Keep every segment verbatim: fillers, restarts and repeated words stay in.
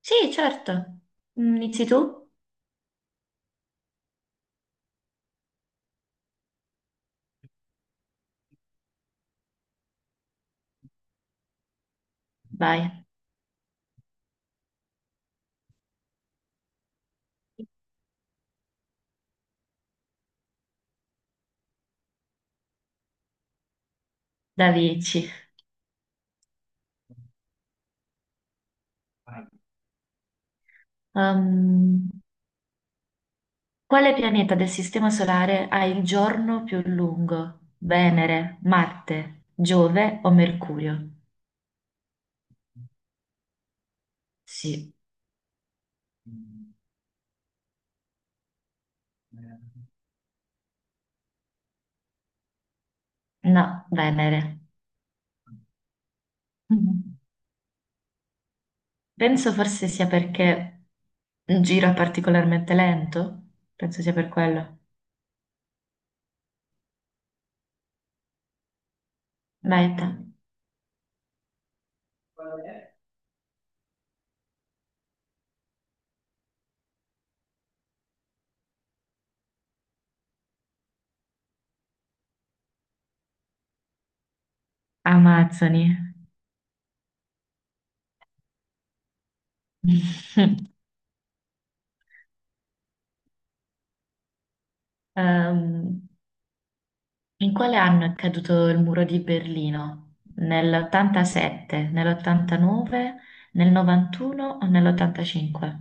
Sì, certo. Mm, Inizi tu? Vai, da Vici. Um, quale pianeta del Sistema Solare ha il giorno più lungo? Venere, Marte, Giove o Mercurio? Sì, no, Venere. Mhm. Penso forse sia perché gira particolarmente lento. Penso sia per quello. Vai te. Amazzoni. Ehm, In quale anno è caduto il muro di Berlino? Nell'ottantasette, nell'ottantanove, nel novantuno o nell'ottantacinque?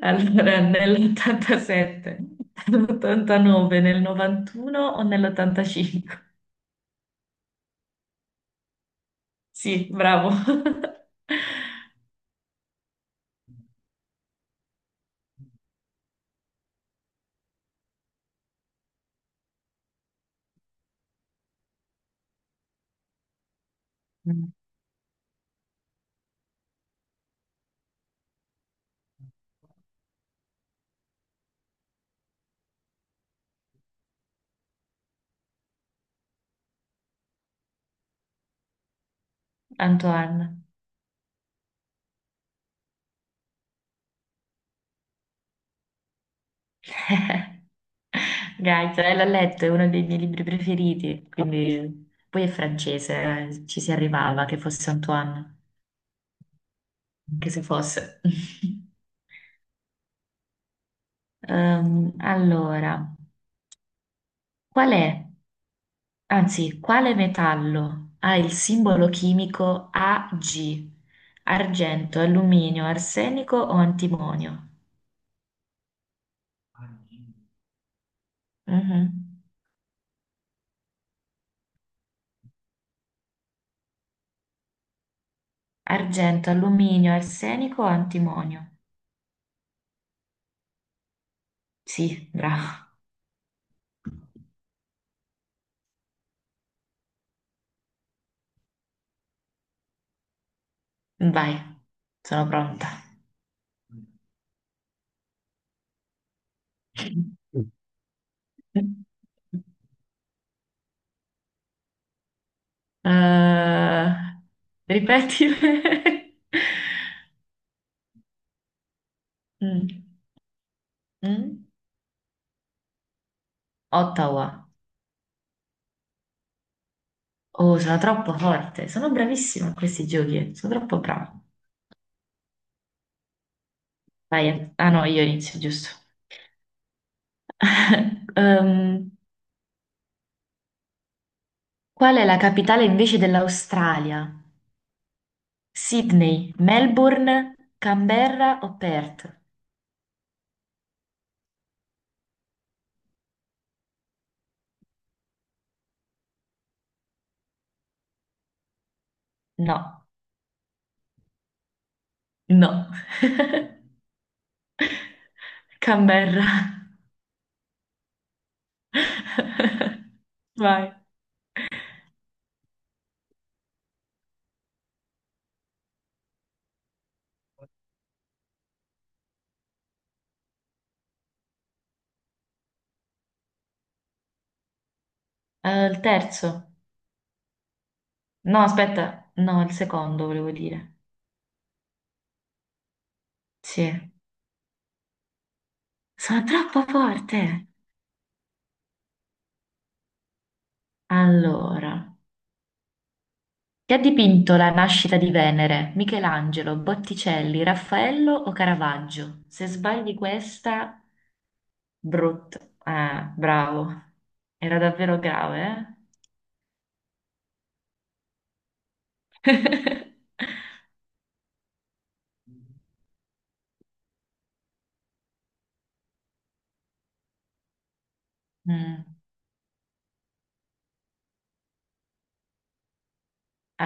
Allora, nell'ottantasette, nell'ottantanove, nel novantuno o nell'ottantacinque? Sì, bravo. Mm, Antoine. Gaita, eh, l'ho letto, è uno dei miei libri preferiti, quindi poi è francese, eh, ci si arrivava che fosse Antoine. Anche se fosse. Ehm, allora, qual è, anzi, quale metallo ha il simbolo chimico Ag? Argento, alluminio, arsenico o antimonio? Mhm. Argento, alluminio, arsenico o antimonio? Sì, bravo. Vai, sono pronta. Eh, ripetile. Mm. Mm? Ottawa. Oh, sono troppo forte, sono bravissima a questi giochi, sono troppo brava. Vai, ah no, io inizio, giusto. Ehm, qual è la capitale invece dell'Australia? Sydney, Melbourne, Canberra o Perth? No, no, Canberra. Vai. Eh, il terzo. No, aspetta, no, il secondo volevo dire. Sì, sono troppo forte. Allora. Chi ha dipinto la nascita di Venere? Michelangelo, Botticelli, Raffaello o Caravaggio? Se sbagli questa, brutto. Ah, bravo. Era davvero grave, eh? Mm,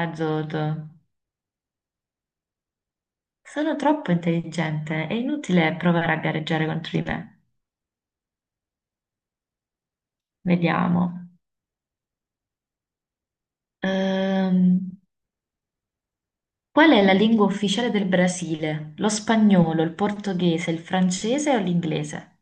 azzurro. Sono troppo intelligente, è inutile provare a gareggiare contro di me. Vediamo. Ehm, qual è la lingua ufficiale del Brasile? Lo spagnolo, il portoghese, il francese o l'inglese?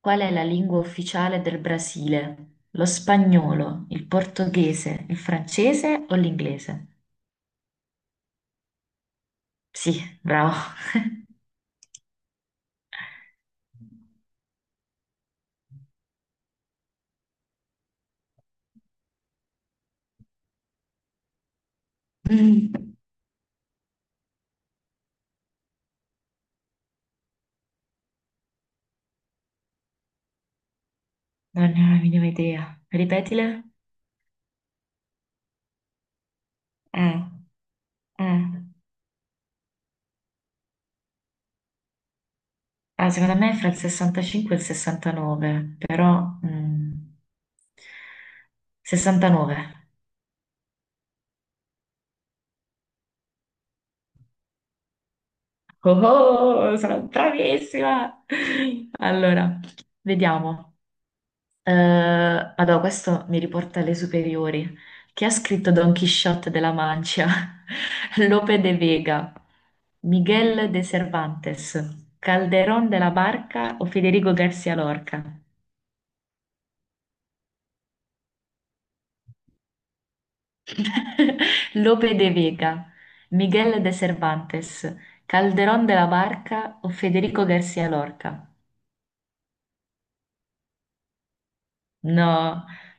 Qual è la lingua ufficiale del Brasile? Lo spagnolo, il portoghese, il francese o l'inglese? Sì, bravo. Mm, Non ne ho la minima idea. Ripetile? Eh, eh. Ah, secondo me è fra il sessantacinque e il sessantanove, però, mm, sessantanove. Oh, oh, sono bravissima! Allora, vediamo. Eh, allora, questo mi riporta alle superiori. Chi ha scritto Don Quixote della Mancia? Lope de Vega, Miguel de Cervantes, Calderón de la Barca o Federico García Lorca? Lope de Vega, Miguel de Cervantes, Calderón de la Barca o Federico García Lorca? No,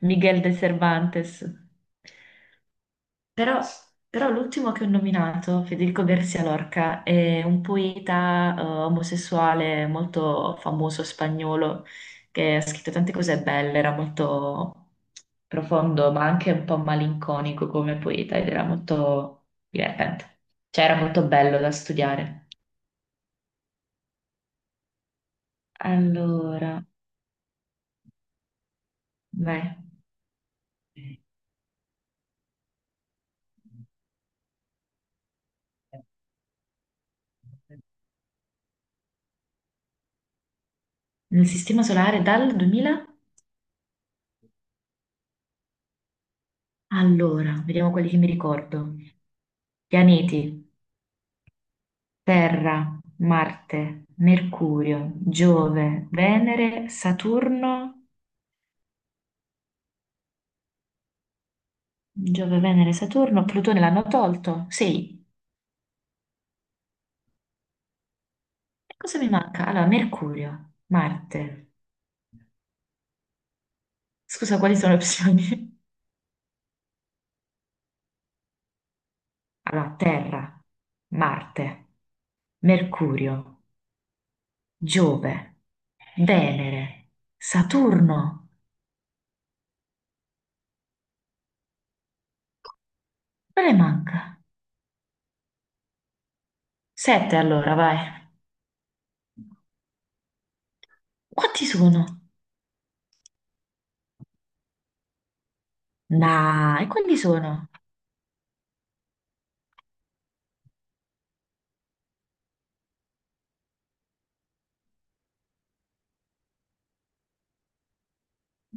Miguel de Cervantes. Però, però l'ultimo che ho nominato, Federico García Lorca, è un poeta eh, omosessuale molto famoso spagnolo che ha scritto tante cose belle, era molto profondo, ma anche un po' malinconico come poeta ed era molto divertente. Cioè era molto bello da studiare. Allora, beh, nel Sistema Solare dal duemila? Allora, vediamo quelli che mi ricordo. Pianeti. Terra, Marte, Mercurio, Giove, Venere, Saturno, Giove, Venere, Saturno, Plutone l'hanno tolto? Sì. E cosa mi manca? Allora, Mercurio, Marte. Scusa, quali sono le opzioni? Allora, Terra, Marte, Mercurio, Giove, Venere, Saturno. Quale manca? Sette allora, vai. Quanti sono? Nah, e quanti sono?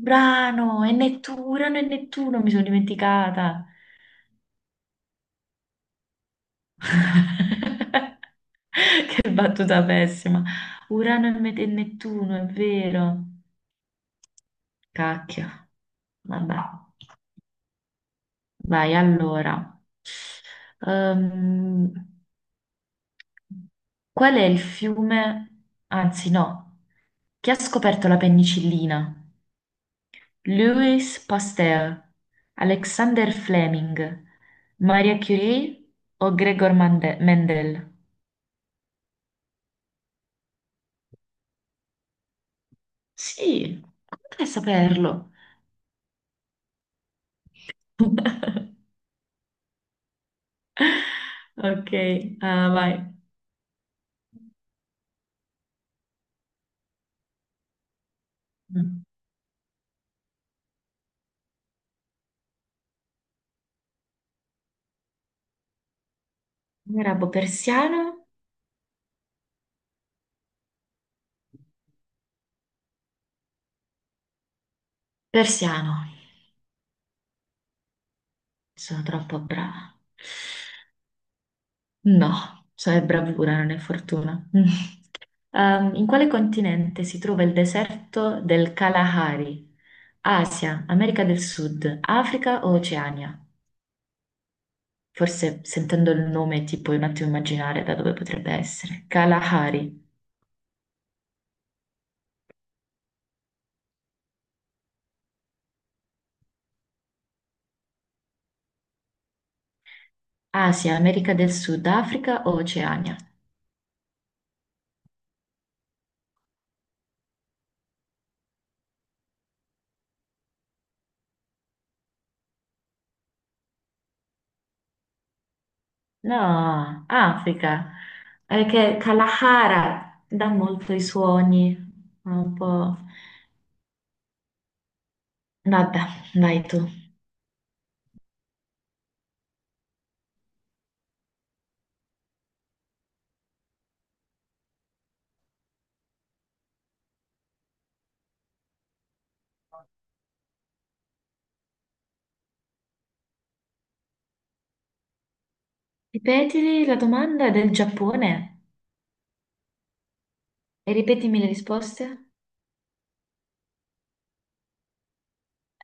Urano, è Nettuno, Urano e Nettuno, mi sono dimenticata. Che battuta pessima. Urano e Met- e Nettuno, è vero. Cacchio. Vabbè. Vai, allora. Ehm, qual è il fiume, anzi no, chi ha scoperto la penicillina? Louis Pasteur, Alexander Fleming, Maria Curie o Gregor Mande- Mendel? Sì, come fai a saperlo? Ok, ah, vai. Mm. Arabo persiano? Persiano. Sono troppo brava. No, cioè è bravura, non è fortuna. Ehm, in quale continente si trova il deserto del Kalahari? Asia, America del Sud, Africa o Oceania? Forse sentendo il nome ti puoi un attimo immaginare da dove potrebbe essere. Kalahari, Asia, America del Sud, Africa o Oceania? No, Africa, perché Kalahara dà molto i suoni, un po'. Vabbè, vai tu. Ripetili la domanda del Giappone e ripetimi le risposte.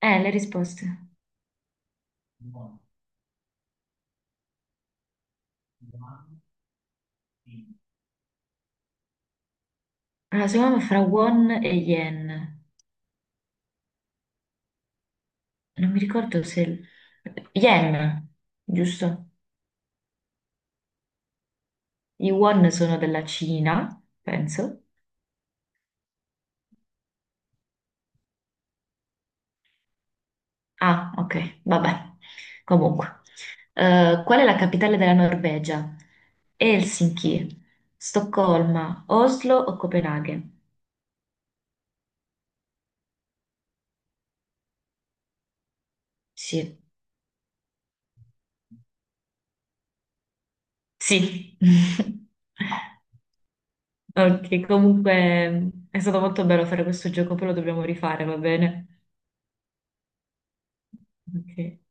Eh, le risposte. Allora, secondo me fra won e yen. Non mi ricordo se. Yen, giusto? I won sono della Cina, penso. Ah, ok, vabbè. Comunque. Eh, qual è la capitale della Norvegia? Helsinki, Stoccolma, Oslo o Copenaghen? Sì. Sì. Ok, comunque è stato molto bello fare questo gioco, poi lo dobbiamo rifare, va bene? Ok.